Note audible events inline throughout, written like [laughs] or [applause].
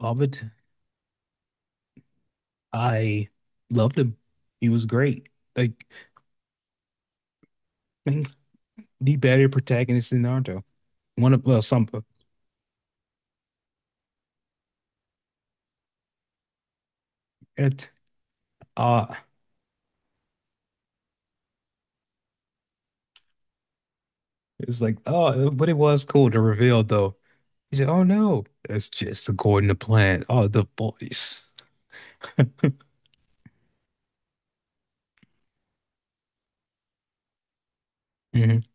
Ovid, I loved him. He was great. Like, [clears throat] I think the better protagonist in Naruto. One of, well, some, it, uh, it was like, oh, but it was cool to reveal, though. He said, oh, no, that's just according to plan. Oh, the voice. hmm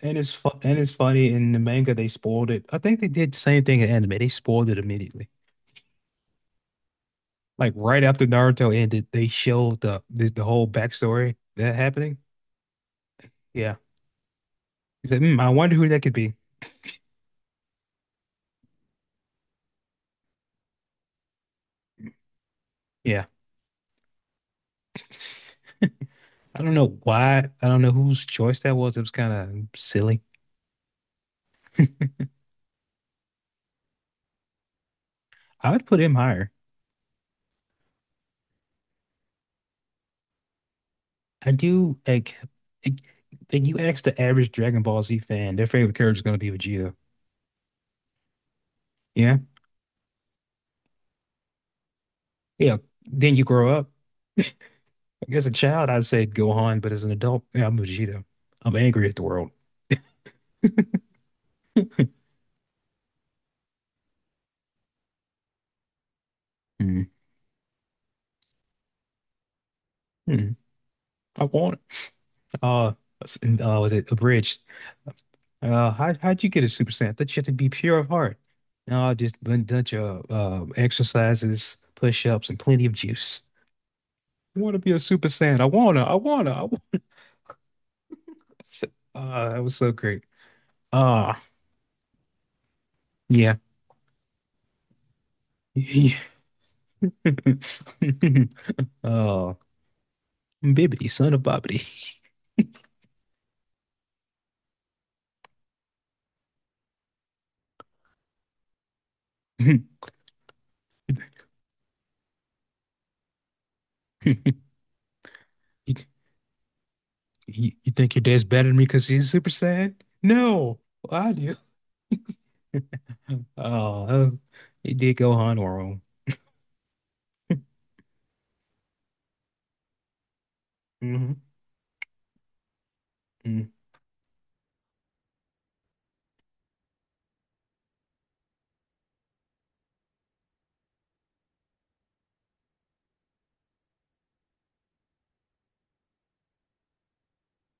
and it's funny in the manga they spoiled it. I think they did the same thing in anime. They spoiled it immediately. Like right after Naruto ended, they showed the whole backstory that happening. Yeah. He said, hmm, I wonder who that could be. Yeah. I don't know why. I don't know whose choice that was. It was kind of silly. I would put him higher. I do like like, you ask the average Dragon Ball Z fan, their favorite character is going to be Vegeta. Yeah. Yeah. Then you grow up. Like, as a child, I'd say Gohan, but as an adult, yeah, I'm Vegeta. I'm angry at the world. Mm. Mm. I want uh, s- and, was it a bridge? How'd you get a super saiyan? That you had to be pure of heart. No, I just been done your exercises, push-ups, and plenty of juice. I want to be a super saiyan. I wanna. I wanna. I w That was so great. Ah, yeah. [laughs] Yeah. Oh, Bibbidi, son of Bobbidi. [laughs] You, you think your dad's better than me because he's a super saiyan? No, well, I do. Oh, uh, it did Gohan wrong. hmm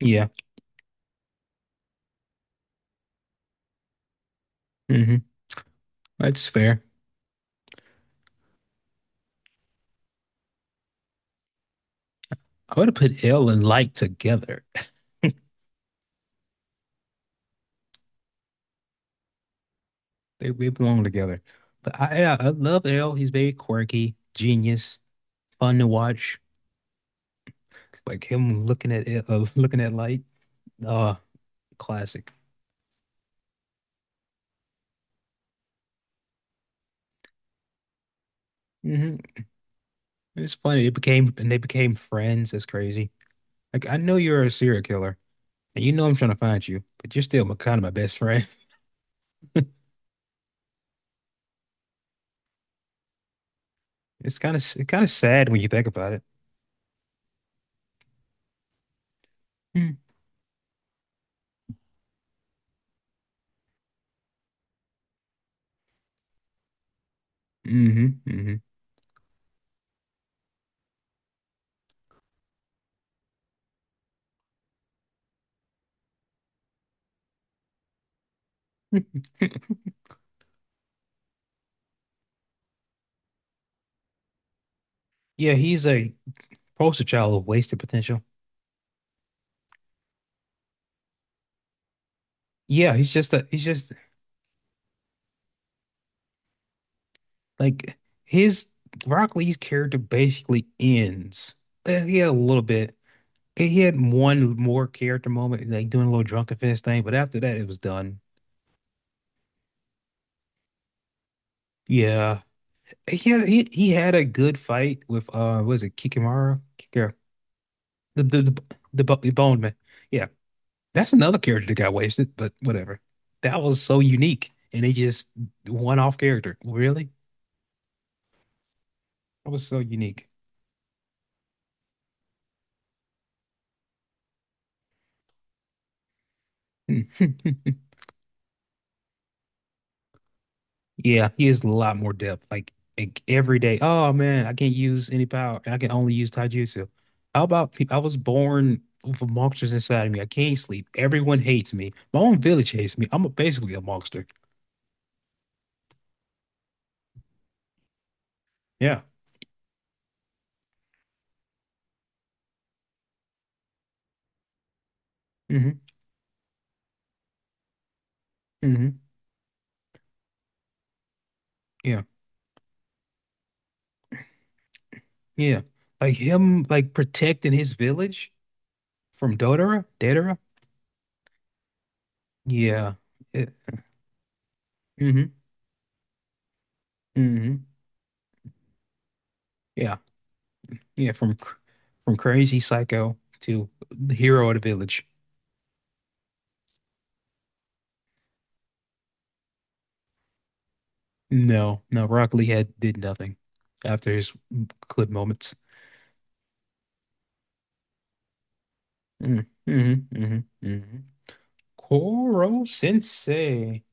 Yeah. hmm That's fair. I would have put L and like together. [laughs] They belong together. But yeah, I love L. He's very quirky, genius, fun to watch. Like him looking at looking at light. Uh, classic. hmm It's funny. It became and they became friends. That's crazy. Like I know you're a serial killer, and you know I'm trying to find you, but you're still my kind of my best friend. [laughs] It's kind of sad when you think about it. Mm-hmm. hmm [laughs] Yeah, he's a poster child of wasted potential. Yeah, he's just a he's just Like his Rock Lee's character basically ends. He had a little bit. He had one more character moment, like doing a little drunken fist thing, but after that, it was done. Yeah, he had a good fight with what is it Kikimara? Kikira, the the the, the Bone Man. Yeah, that's another character that got wasted, but whatever. That was so unique, and they just one off character. Really, that was so unique. [laughs] Yeah, he is a lot more depth. Like every day, oh man, I can't use any power. I can only use taijutsu. I was born with monsters inside of me. I can't sleep. Everyone hates me. My own village hates me. Basically a monster. Yeah. hmm hmm Yeah. Yeah. Like him, like protecting his village from Dodora, Dedora. Yeah. It, hmm hmm Yeah. Yeah. From crazy psycho to the hero of the village. No, no, Rock Lee had did nothing after his clip moments. Mm, mhm, mhm, mhm. Koro Sensei.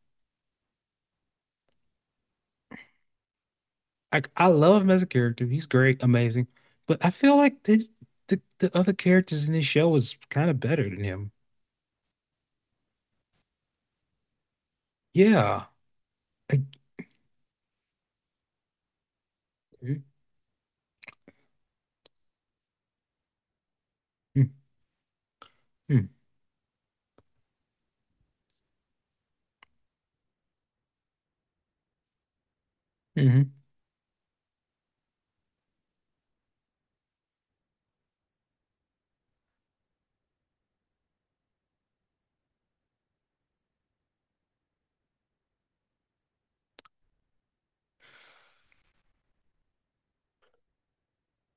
I love him as a character. He's great, amazing. But I feel like the other characters in this show was kind of better than him. Yeah. Like, mm, mm, mm, mhm.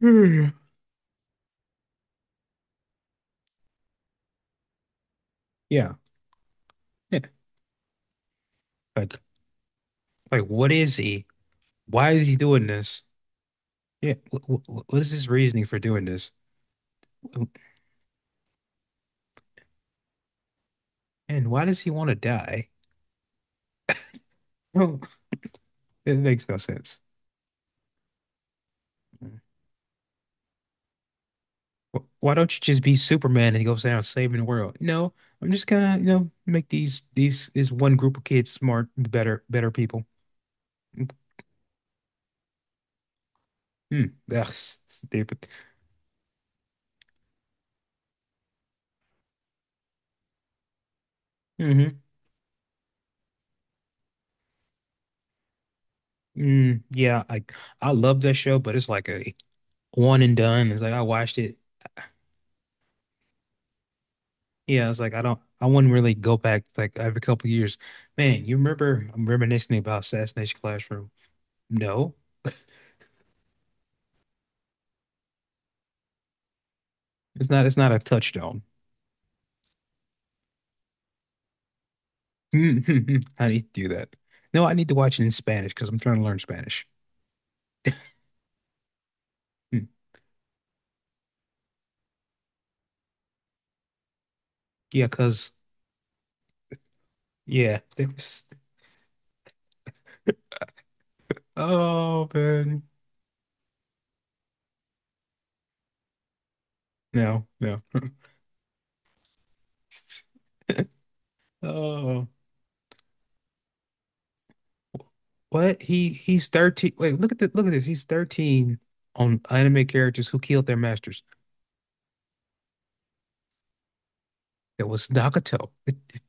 Mm. Yeah. Yeah. Like like what is he? Why is he doing this? Yeah. What is his reasoning for doing this? And why does he want to die? [laughs] It makes no sense. Why don't you just be Superman and go down saving the world? No, I'm just gonna, you know, make these this one group of kids smart, better people. Hmm. Stupid. hmm Mm, yeah, I love that show, but it's like a one and done. It's like I watched it. Yeah, it's like I wouldn't really go back like every couple of years. Man, you remember I'm reminiscing about Assassination Classroom. No, it's not a touchstone. [laughs] I need to do that. No, I need to watch it in Spanish because I'm trying to learn Spanish. Hmm. Yeah, because, yeah. Oh, man. No, no. Oh, what? He's 13. Wait, look at this. He's 13 on anime characters who killed their masters. That was Nagato. [laughs]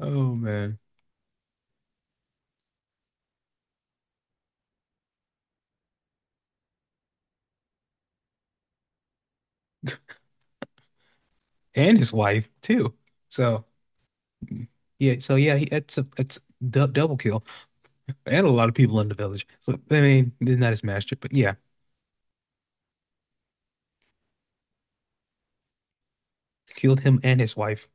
Oh, man. And his wife, too. So, yeah, so yeah, it's a it's du double kill. And a lot of people in the village. So, I mean, not his master, but yeah, killed him and his wife.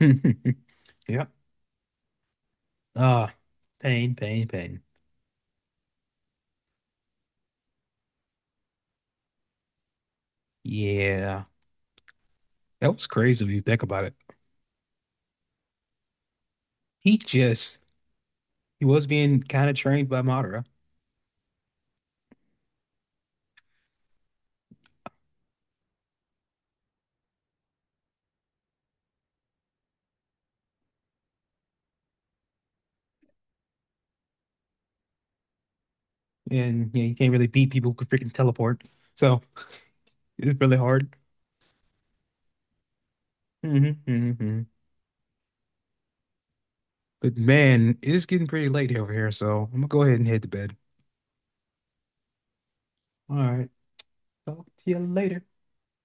[laughs] Yep. Ah, pain, pain, pain. Yeah. That was crazy if you think about it. He just he was being kind of trained by Madara. And you know you can't really beat people who can freaking teleport. So it's really hard. hmm hmm But man, it is getting pretty late over here, so I'm gonna go ahead and head to bed. All right. Talk to you later.